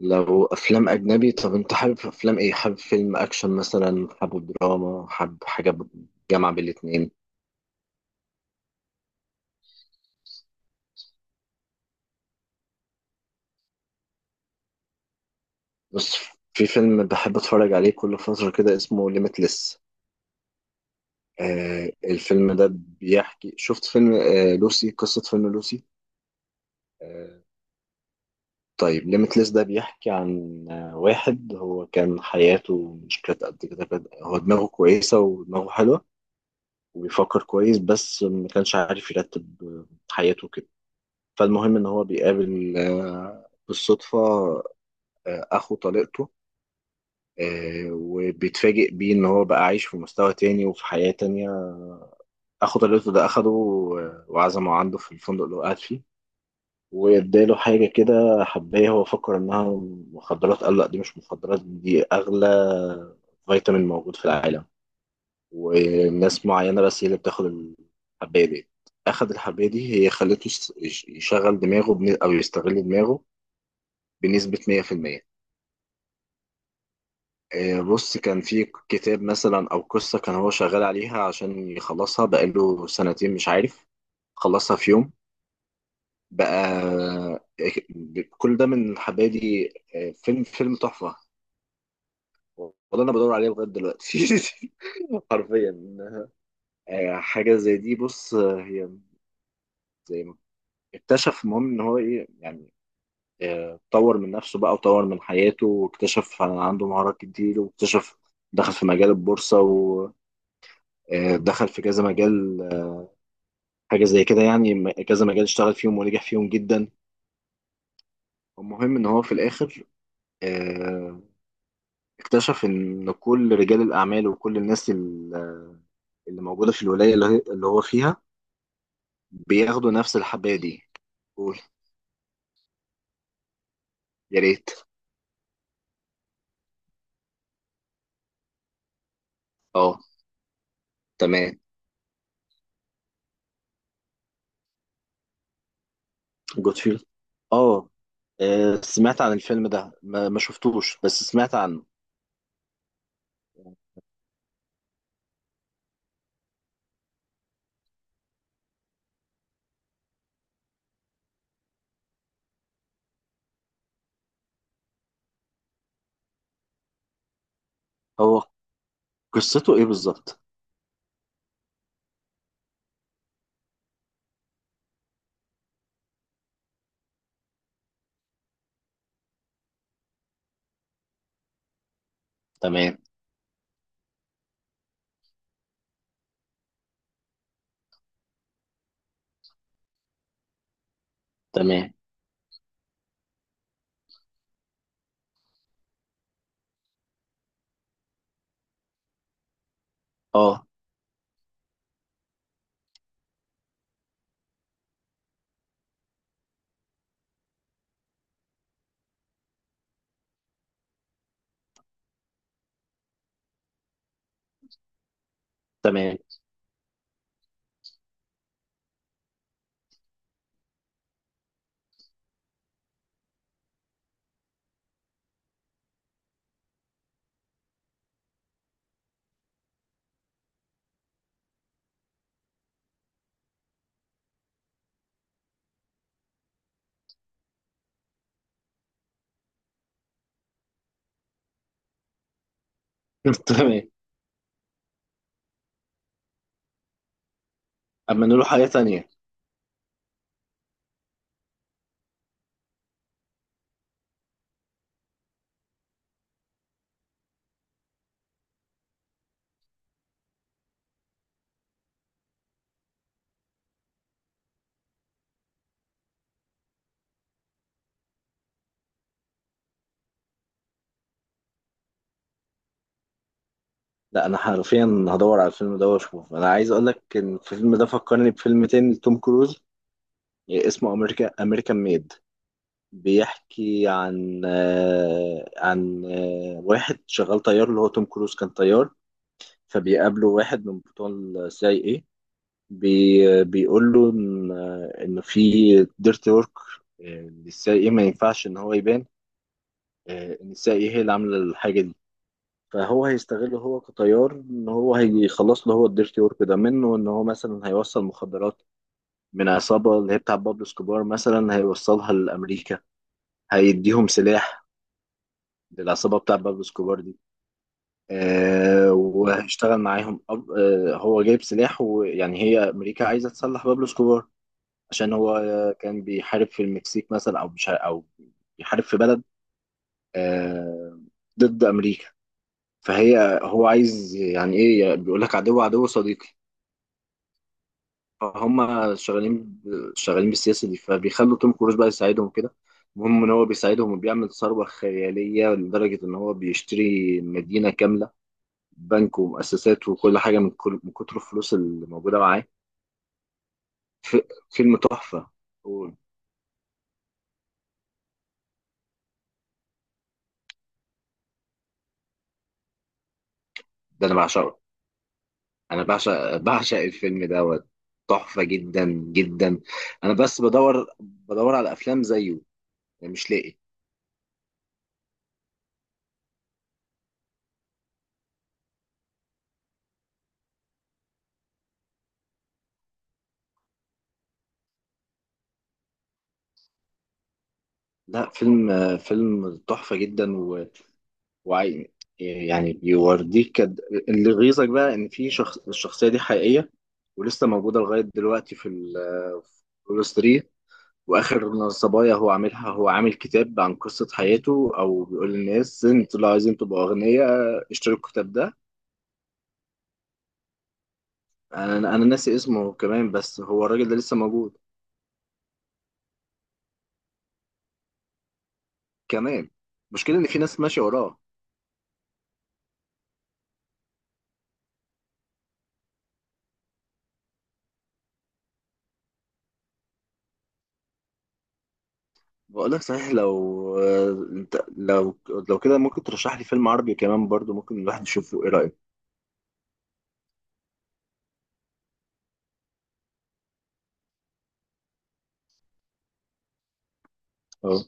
لو افلام اجنبي. طب انت حابب افلام ايه؟ حابب فيلم اكشن مثلا، حابب دراما، حابب حاجه جامعه بين الاتنين. بص، في فيلم بحب اتفرج عليه كل فتره كده اسمه ليميتلس. آه الفيلم ده بيحكي، شفت فيلم لوسي؟ قصه فيلم لوسي. آه طيب ليميتلس ده بيحكي عن واحد هو كان حياته مش كانت قد كده، هو دماغه كويسه ودماغه حلوه وبيفكر كويس، بس ما كانش عارف يرتب حياته كده. فالمهم ان هو بيقابل بالصدفه اخو طليقته. وبيتفاجئ بيه ان هو بقى عايش في مستوى تاني وفي حياه تانيه. اخو طليقته ده اخده وعزمه عنده في الفندق اللي هو قاعد فيه، واداله حاجه كده، حبايه هو فكر انها مخدرات. قال لا، دي مش مخدرات، دي اغلى فيتامين موجود في العالم، وناس معينه بس هي اللي بتاخد الحبايه دي. اخد الحبايه دي هي خلته يشغل دماغه او يستغل دماغه بنسبة 100%. بص، كان في كتاب مثلا او قصه كان هو شغال عليها عشان يخلصها بقاله سنتين مش عارف، خلصها في يوم بقى. كل ده من حبادي. فيلم تحفه، والله انا بدور عليه لغايه دلوقتي. حرفيا. حاجه زي دي، بص، هي زي ما اكتشف، المهم ان هو ايه يعني، طور من نفسه بقى وطور من حياته واكتشف عنده مهارات كتير، واكتشف دخل في مجال البورصه، دخل في كذا مجال، حاجة زي كده يعني، كذا مجال اشتغل فيهم ونجح فيهم جدا. المهم ان هو في الاخر آه، اكتشف ان كل رجال الاعمال وكل الناس اللي موجودة في الولاية اللي اللي هو فيها بياخدوا نفس الحباية دي. قول، يا ريت. اه تمام. جود فيل. اه، سمعت عن الفيلم ده، ما شفتوش، بس سمعت عنه. هو قصته ايه بالظبط؟ تمام. تمام. اه تمام. تمام. اما نقوله حاجة تانية. لا، انا حرفيا هدور على الفيلم ده واشوف. انا عايز اقول لك ان الفيلم ده فكرني بفيلم تاني لتوم كروز، اسمه امريكا امريكان ميد. بيحكي عن واحد شغال طيار، اللي هو توم كروز كان طيار. فبيقابله واحد من بتوع السي اي اي، بيقول له ان إن في ديرتي ورك للسي اي اي، ما ينفعش ان هو يبان ان السي اي اي هي اللي عامله الحاجه دي. فهو هيستغله هو كطيار، ان هو هيخلص له هو الديرتي ورك ده منه، ان هو مثلا هيوصل مخدرات من عصابه اللي هي بتاع بابلو سكوبار، مثلا هيوصلها لامريكا، هيديهم سلاح للعصابه بتاع بابلو سكوبار دي. آه وهيشتغل معاهم أب... آه هو جايب سلاح، ويعني هي امريكا عايزه تسلح بابلو سكوبار عشان هو كان بيحارب في المكسيك مثلا، او مش ع- او بيحارب في بلد آه ضد امريكا. فهي، هو عايز يعني ايه، بيقول لك عدو عدو صديقي. فهم شغالين شغالين بالسياسه دي، فبيخلوا توم كروز بقى يساعدهم كده. المهم ان هو بيساعدهم وبيعمل ثروه خياليه لدرجه ان هو بيشتري مدينه كامله، بنك ومؤسسات وكل حاجه، من كتر الفلوس اللي موجوده معاه. ف- فيلم تحفه. ده انا بعشقه. انا بعشق الفيلم دوت، تحفه جدا جدا. انا بس بدور على افلام زيه مش لاقي. لا، فيلم تحفه جدا. وعي يعني، بيوريك اللي يغيظك بقى ان في شخص، الشخصيه دي حقيقيه ولسه موجوده لغايه دلوقتي في الكولوس 3. واخر صبايا هو عاملها، هو عامل كتاب عن قصه حياته، او بيقول للناس انتوا لو عايزين تبقوا اغنياء اشتروا الكتاب ده. انا ناسي اسمه كمان، بس هو الراجل ده لسه موجود كمان. المشكله ان في ناس ماشيه وراه. بقول لك صحيح، لو انت لو لو كده ممكن ترشح لي فيلم عربي كمان برضو، ممكن الواحد يشوفه. ايه رايك؟ اه،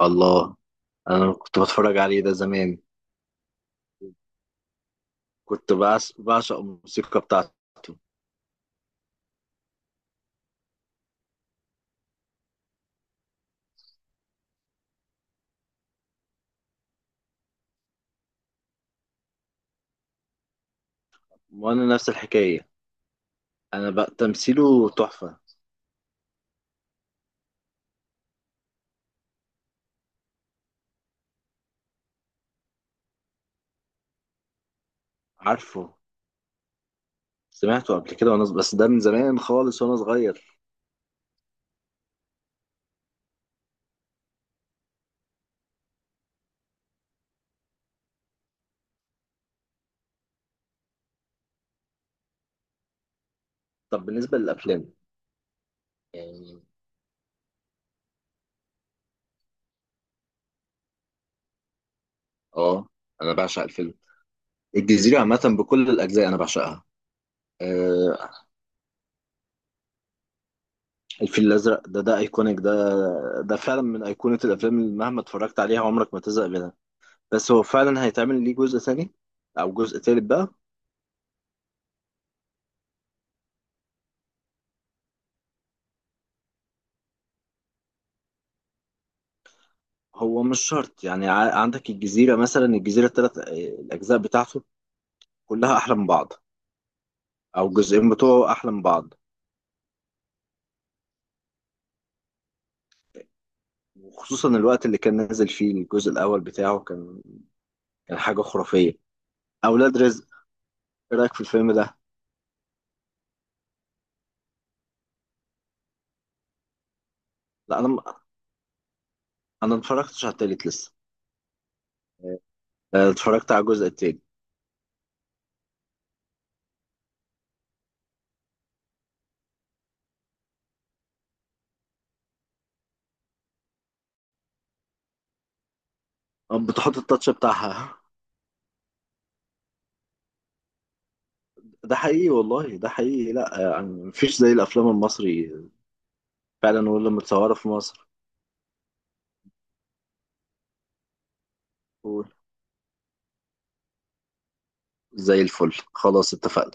الله، انا كنت بتفرج عليه ده زمان. كنت بعشق الموسيقى بتاعته. وانا نفس الحكايه. انا بقى تمثيله تحفه. عارفه. سمعته قبل كده، وانا بس ده من زمان خالص وانا صغير. طب بالنسبه للافلام، يعني. اه، انا بعشق الفيلم الجزيره عامه، بكل الاجزاء انا بعشقها. آه الفيل الازرق ده، ايكونيك ده. ده فعلا من ايقونه الافلام اللي مهما اتفرجت عليها عمرك ما تزهق منها. بس هو فعلا هيتعمل ليه جزء ثاني او جزء ثالث بقى؟ هو مش شرط يعني، عندك الجزيرة مثلا، الجزيرة الثلاث الأجزاء بتاعته كلها أحلى من بعض، أو الجزئين بتوعه أحلى من بعض. وخصوصا الوقت اللي كان نازل فيه الجزء الأول بتاعه، كان كان حاجة خرافية. أولاد رزق، إيه رأيك في الفيلم ده؟ لا، أنا أنا ما اتفرجتش على التالت لسه. اتفرجت على الجزء التاني. بتحط التاتش بتاعها. ده حقيقي والله، ده حقيقي. لا يعني مفيش زي الأفلام المصري، فعلا، ولا متصورة في مصر. قول. زي الفل، خلاص اتفقنا.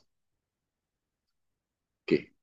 أوكي.